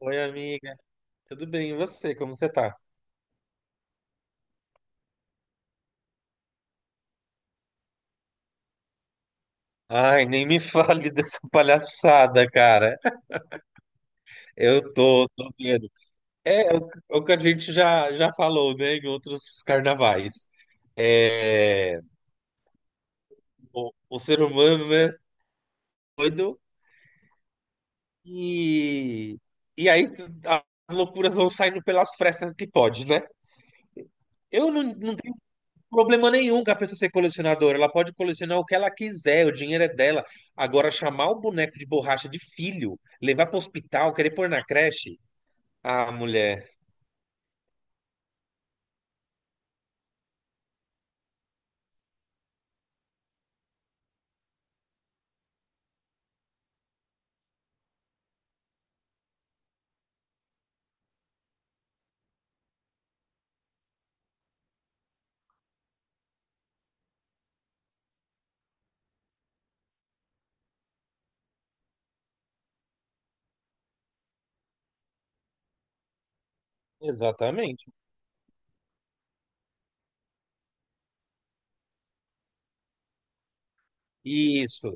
Oi, amiga. Tudo bem? E você? Como você tá? Ai, nem me fale dessa palhaçada, cara. Eu tô vendo. É o que a gente já falou, né, em outros carnavais. É, o ser humano, né, doido e, e aí as loucuras vão saindo pelas frestas que pode, né? Eu não tenho problema nenhum com a pessoa ser colecionadora. Ela pode colecionar o que ela quiser, o dinheiro é dela. Agora, chamar o boneco de borracha de filho, levar para o hospital, querer pôr na creche. Ah, mulher. Exatamente. Isso.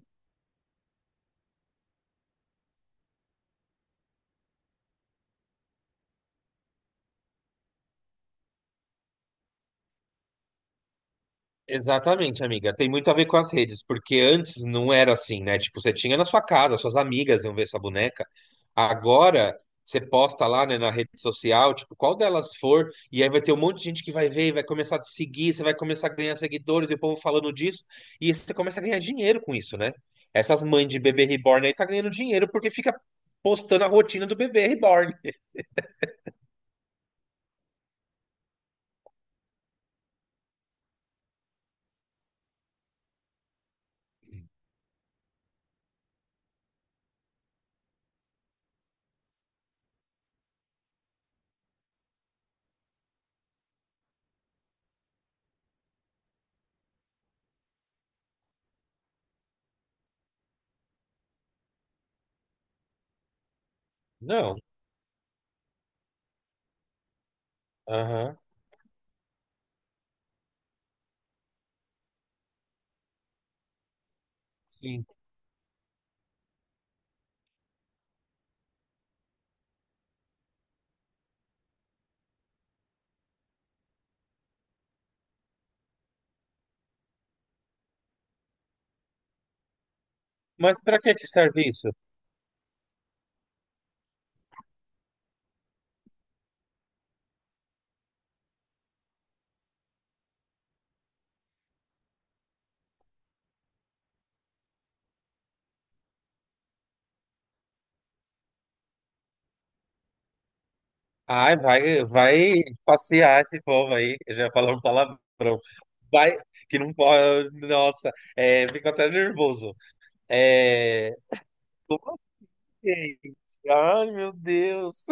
Exatamente, amiga. Tem muito a ver com as redes, porque antes não era assim, né? Tipo, você tinha na sua casa, suas amigas iam ver sua boneca. Agora, você posta lá, né, na rede social, tipo, qual delas for, e aí vai ter um monte de gente que vai ver e vai começar a te seguir, você vai começar a ganhar seguidores e o povo falando disso, e você começa a ganhar dinheiro com isso, né? Essas mães de bebê reborn aí tá ganhando dinheiro porque fica postando a rotina do bebê reborn. Não. Aham. Sim. Mas pra que que serve isso? Ai, vai, vai passear esse povo aí. Eu já falou um palavrão. Vai, que não pode. Nossa, é, fico até nervoso. É, como assim? Ai, meu Deus.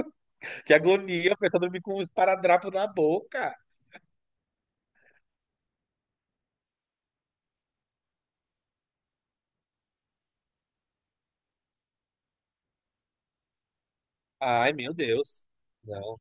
Que agonia, a pessoa dormir com um esparadrapo na boca. Ai, meu Deus. Não.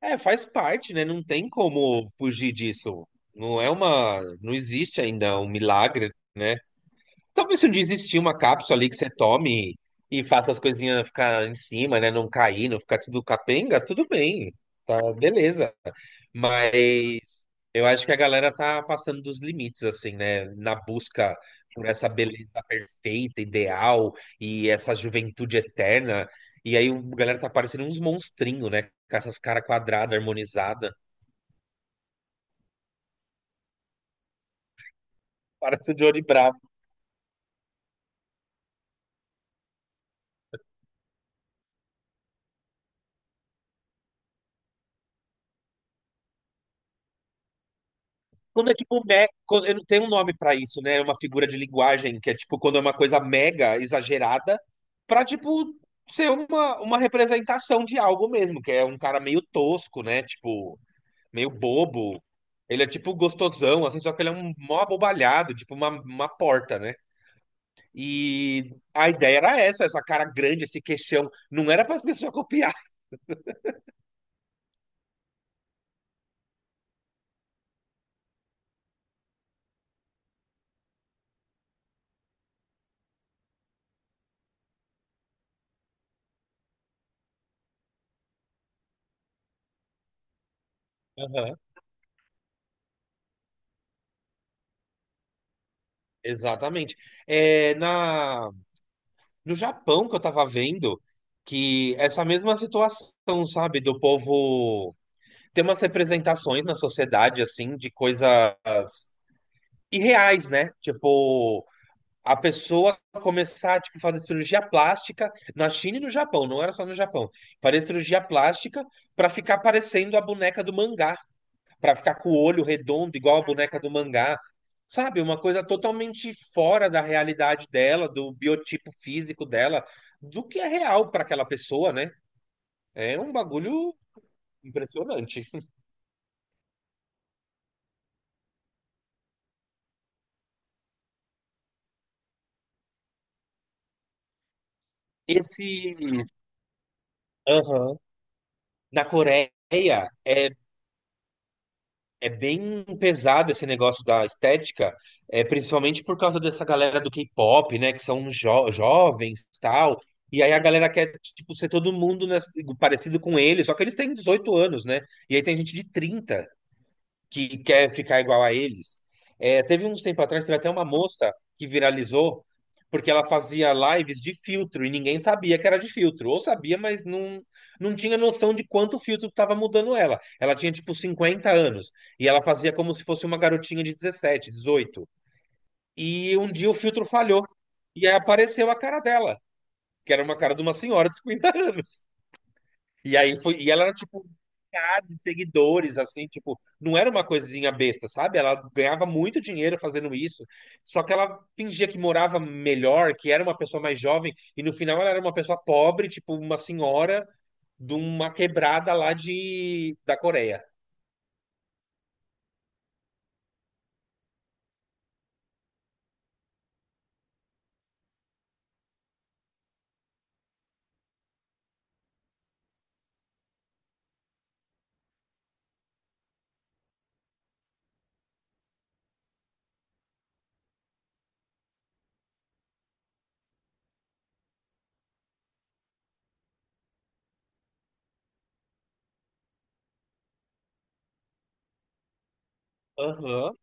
É, faz parte, né? Não tem como fugir disso. Não é uma. Não existe ainda um milagre, né? Talvez se um dia existir uma cápsula ali que você tome e faça as coisinhas ficar em cima, né? Não cair, não ficar tudo capenga, tudo bem. Tá, beleza. Mas eu acho que a galera tá passando dos limites, assim, né? Na busca por essa beleza perfeita, ideal e essa juventude eterna. E aí a galera tá parecendo uns monstrinhos, né? Com essas caras quadradas, harmonizadas. Parece o Johnny Bravo. Quando é tipo me... quando- Eu não tenho um nome pra isso, né? É uma figura de linguagem que é tipo quando é uma coisa mega exagerada pra tipo ser uma representação de algo mesmo, que é um cara meio tosco, né? Tipo, meio bobo. Ele é tipo gostosão, assim, só que ele é um mó abobalhado, tipo uma porta, né? E a ideia era essa, essa cara grande, esse queixão. Não era para as pessoas copiar. Aham. Exatamente. É, na no Japão que eu tava vendo que essa mesma situação, sabe, do povo ter umas representações na sociedade assim de coisas irreais, né? Tipo, a pessoa começar tipo fazer cirurgia plástica na China e no Japão, não era só no Japão. Fazer cirurgia plástica pra ficar parecendo a boneca do mangá para ficar com o olho redondo, igual a boneca do mangá. Sabe, uma coisa totalmente fora da realidade dela, do biotipo físico dela, do que é real para aquela pessoa, né? É um bagulho impressionante. Esse. Aham. Na Coreia, é, é bem pesado esse negócio da estética, é, principalmente por causa dessa galera do K-pop, né? Que são jovens e tal. E aí a galera quer, tipo, ser todo mundo nessa- parecido com eles, só que eles têm 18 anos, né? E aí tem gente de 30 que quer ficar igual a eles. É, teve uns tempo atrás, teve até uma moça que viralizou porque ela fazia lives de filtro e ninguém sabia que era de filtro. Ou sabia, mas não tinha noção de quanto o filtro estava mudando ela. Ela tinha, tipo, 50 anos e ela fazia como se fosse uma garotinha de 17, 18. E um dia o filtro falhou e aí apareceu a cara dela, que era uma cara de uma senhora de 50 anos. E aí foi, e ela era tipo milhares de seguidores, assim, tipo, não era uma coisinha besta, sabe? Ela ganhava muito dinheiro fazendo isso, só que ela fingia que morava melhor, que era uma pessoa mais jovem, e no final ela era uma pessoa pobre, tipo, uma senhora de uma quebrada lá de da Coreia. Aham.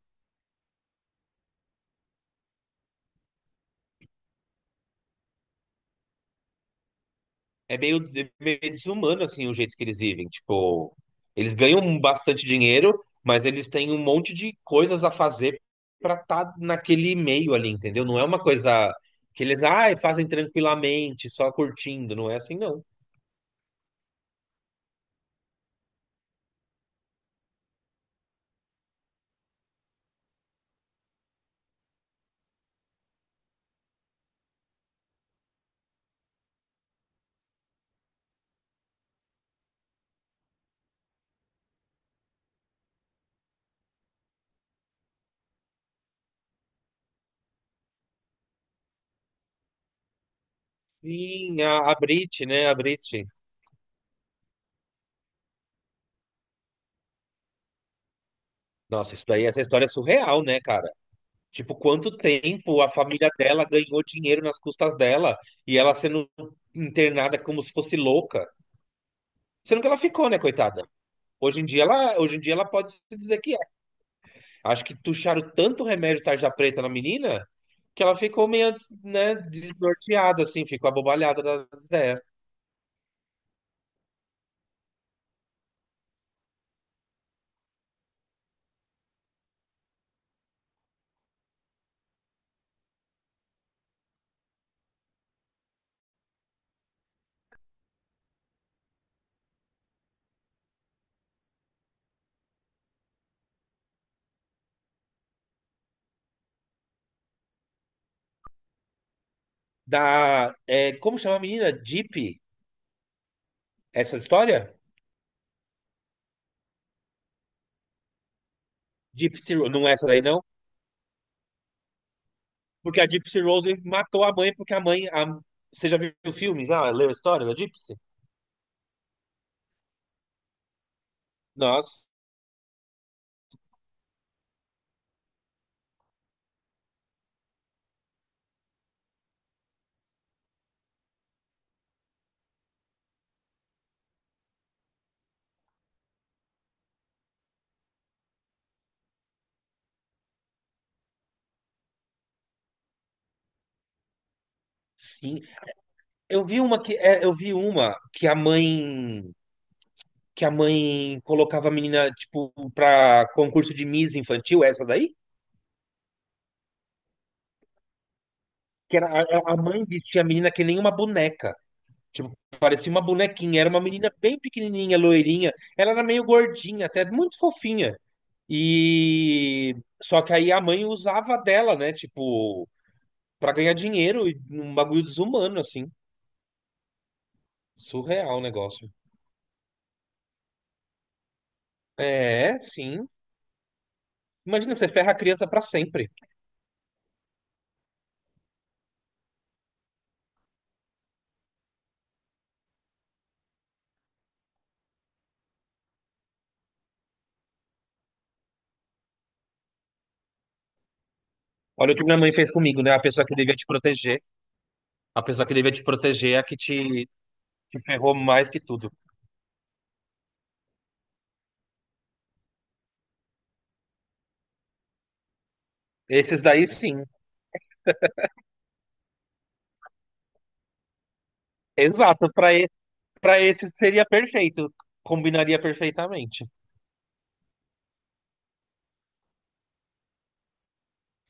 É meio, de meio desumano, assim, o jeito que eles vivem. Tipo, eles ganham bastante dinheiro, mas eles têm um monte de coisas a fazer pra estar naquele meio ali, entendeu? Não é uma coisa que eles, ai, fazem tranquilamente, só curtindo. Não é assim, não. Sim, a Brit, né? A Brit. Nossa, isso daí, essa história é surreal, né, cara? Tipo, quanto tempo a família dela ganhou dinheiro nas custas dela e ela sendo internada como se fosse louca. Sendo que ela ficou, né, coitada? Hoje em dia ela pode se dizer que é. Acho que tucharam tanto remédio tarja preta na menina que ela ficou meio, né, desnorteada, assim, ficou abobalhada das ideias. Da, é, como chama a menina? Deep? Essa história? Gypsy Rose. Não é essa daí, não? Porque a Gypsy Rose matou a mãe, porque a mãe. A- Você já viu filmes? Ah, leu a história da Gypsy? Nossa, sim. Eu vi uma que, é, eu vi uma que a mãe colocava a menina, tipo, pra concurso de Miss infantil, é essa daí? Que era, a mãe vestia a menina que nem uma boneca. Tipo, parecia uma bonequinha. Era uma menina bem pequenininha, loirinha. Ela era meio gordinha, até muito fofinha. E só que aí a mãe usava dela, né? Tipo, pra ganhar dinheiro e um bagulho desumano, assim. Surreal o negócio. É, sim. Imagina, você ferra a criança pra sempre. Olha o que minha mãe fez comigo, né? A pessoa que devia te proteger. A pessoa que devia te proteger é a que te ferrou mais que tudo. Esses daí, sim. Exato. Para esses seria perfeito. Combinaria perfeitamente.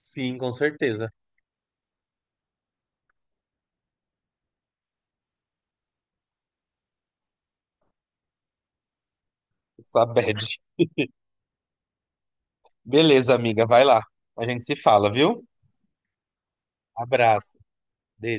Sim, com certeza. Essa bad. Beleza, amiga. Vai lá. A gente se fala, viu? Abraço. Beijo.